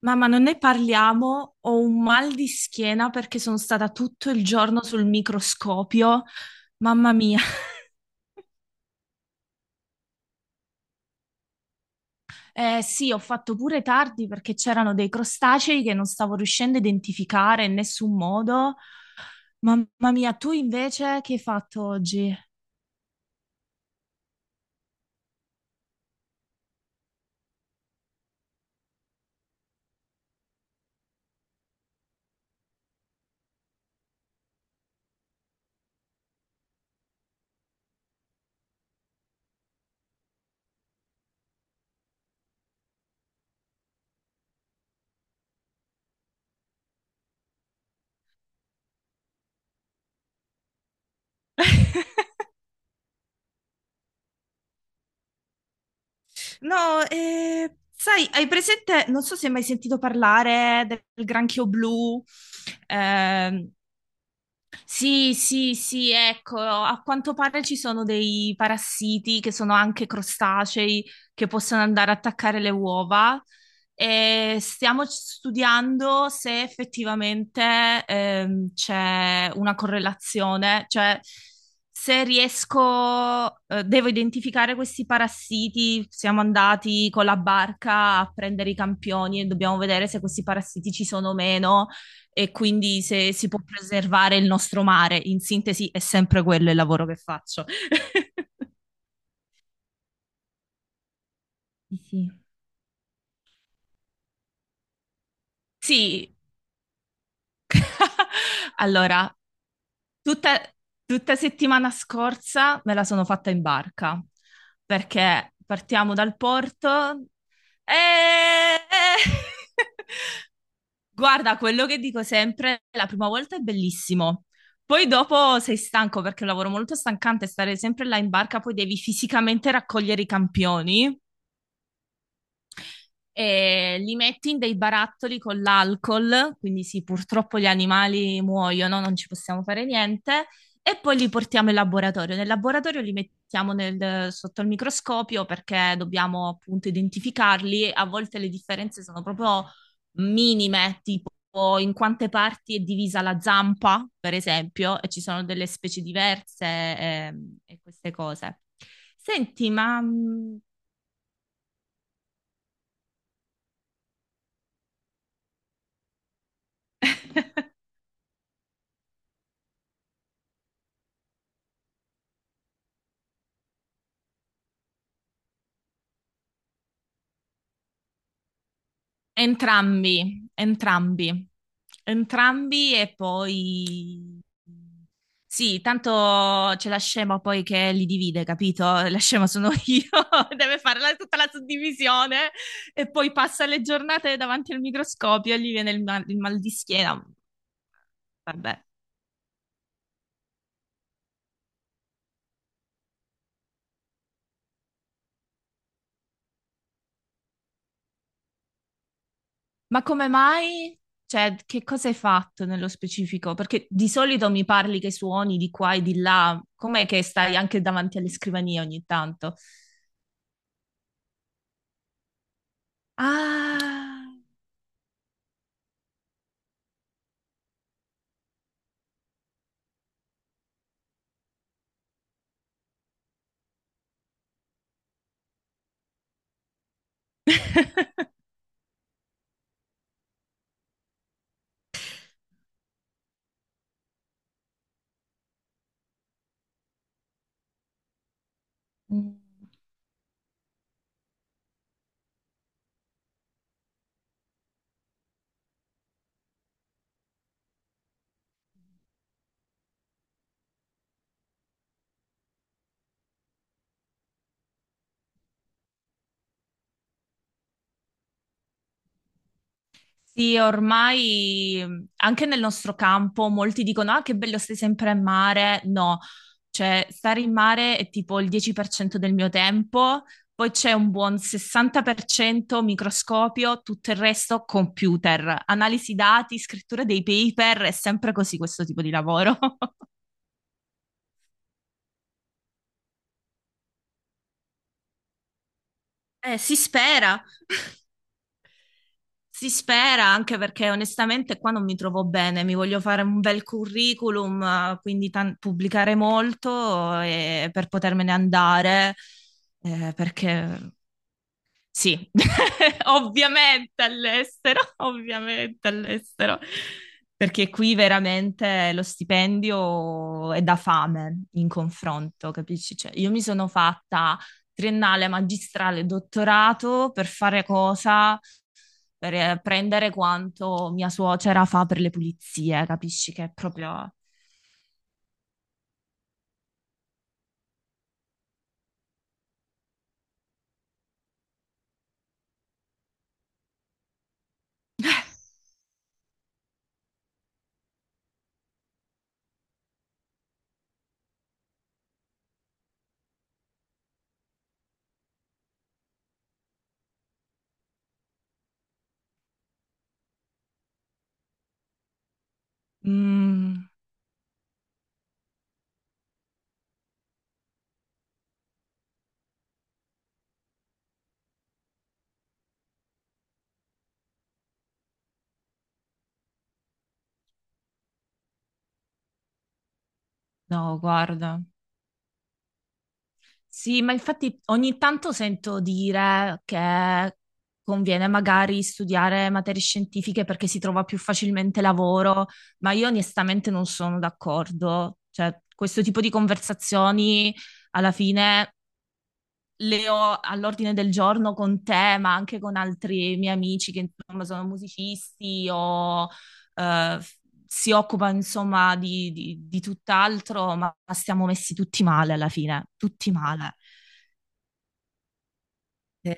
Mamma, non ne parliamo, ho un mal di schiena perché sono stata tutto il giorno sul microscopio. Mamma mia. Sì, ho fatto pure tardi perché c'erano dei crostacei che non stavo riuscendo a identificare in nessun modo. Mamma mia, tu invece che hai fatto oggi? No, sai, hai presente, non so se hai mai sentito parlare del granchio blu. ehm, Sì, sì, sì, ecco, a quanto pare ci sono dei parassiti che sono anche crostacei che possono andare a attaccare le uova e stiamo studiando se effettivamente c'è una correlazione, cioè se riesco, devo identificare questi parassiti, siamo andati con la barca a prendere i campioni e dobbiamo vedere se questi parassiti ci sono o meno e quindi se si può preservare il nostro mare. In sintesi è sempre quello il lavoro che faccio. Sì. Sì, allora, tutta, tutta settimana scorsa me la sono fatta in barca perché partiamo dal porto e... Guarda, quello che dico sempre, la prima volta è bellissimo. Poi dopo sei stanco perché è un lavoro molto stancante stare sempre là in barca, poi devi fisicamente raccogliere i campioni e li metti in dei barattoli con l'alcol, quindi sì, purtroppo gli animali muoiono, non ci possiamo fare niente, e poi li portiamo in laboratorio. Nel laboratorio li mettiamo sotto il microscopio perché dobbiamo appunto identificarli. A volte le differenze sono proprio minime, tipo in quante parti è divisa la zampa, per esempio, e ci sono delle specie diverse e queste cose. Senti. Entrambi, entrambi, entrambi e poi... Sì, tanto c'è la scema poi che li divide, capito? La scema sono io, deve fare tutta la suddivisione e poi passa le giornate davanti al microscopio e gli viene il mal di schiena. Vabbè. Ma come mai? Cioè, che cosa hai fatto nello specifico? Perché di solito mi parli che suoni di qua e di là, com'è che stai anche davanti alle scrivanie ogni tanto? Ah. Mm. Sì, ormai anche nel nostro campo molti dicono: Ah, che bello, stai sempre a mare. No, cioè, stare in mare è tipo il 10% del mio tempo, poi c'è un buon 60% microscopio, tutto il resto computer, analisi dati, scrittura dei paper, è sempre così questo tipo di lavoro. Si spera. Si spera anche perché onestamente qua non mi trovo bene, mi voglio fare un bel curriculum, quindi pubblicare molto per potermene andare, perché sì, ovviamente all'estero, ovviamente all'estero, perché qui veramente lo stipendio è da fame in confronto, capisci? Cioè, io mi sono fatta triennale, magistrale, dottorato per fare cosa? Per prendere quanto mia suocera fa per le pulizie, capisci che è proprio... Mm, no, guarda. Sì, ma infatti ogni tanto sento dire che conviene magari studiare materie scientifiche perché si trova più facilmente lavoro, ma io onestamente non sono d'accordo. Cioè, questo tipo di conversazioni alla fine le ho all'ordine del giorno con te, ma anche con altri miei amici che insomma sono musicisti o eh, f- si occupano insomma di, di tutt'altro, ma stiamo messi tutti male alla fine, tutti male. Eh,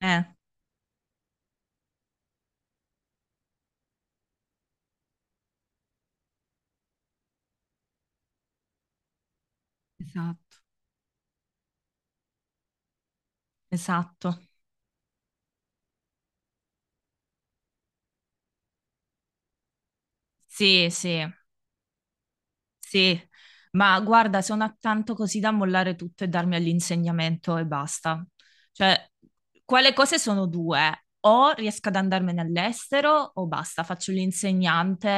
Eh, esatto. Esatto. Sì, sì. Sì, ma guarda, sono attanto così da mollare tutto e darmi all'insegnamento e basta. Cioè, quelle cose sono due. O riesco ad andarmene all'estero o basta, faccio l'insegnante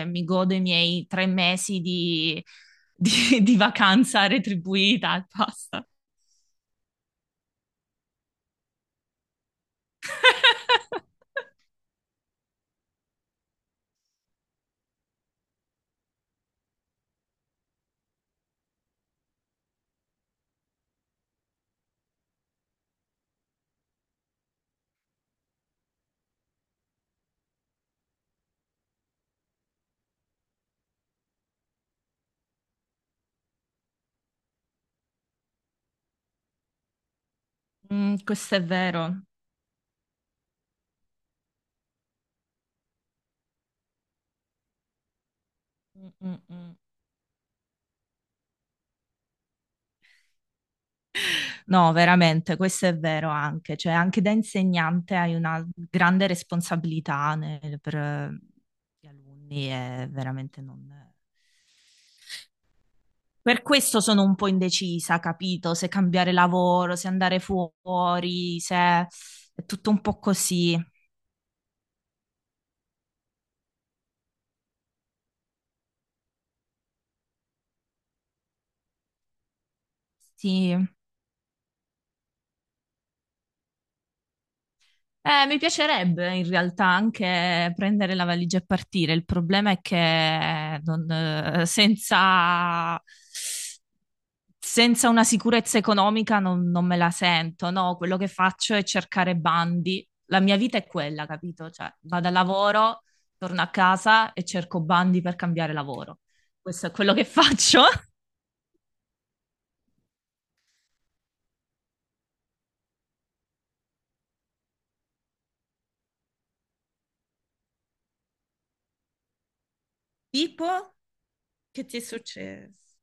e mi godo i miei 3 mesi di, di vacanza retribuita e basta. Mm, questo è vero. Mm, mm, mm. No, veramente, questo è vero anche, cioè anche da insegnante hai una grande responsabilità per gli alunni e veramente non... Per questo sono un po' indecisa, capito? Se cambiare lavoro, se andare fuori, se è tutto un po' così. Sì. Mi piacerebbe in realtà anche prendere la valigia e partire. Il problema è che non, senza una sicurezza economica non me la sento, no, quello che faccio è cercare bandi. La mia vita è quella, capito? Cioè, vado al lavoro, torno a casa e cerco bandi per cambiare lavoro. Questo è quello che faccio. Tipo, che ti è successo?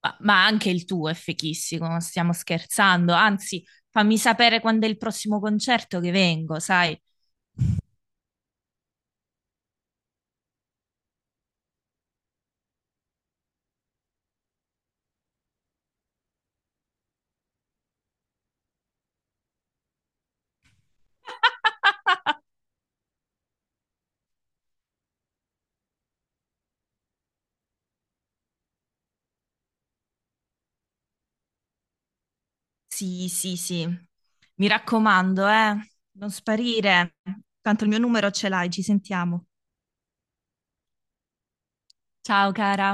Ma anche il tuo è fichissimo, non stiamo scherzando. Anzi, fammi sapere quando è il prossimo concerto che vengo, sai? Sì, sì, sì. Mi raccomando, non sparire. Tanto il mio numero ce l'hai, ci sentiamo. Ciao cara.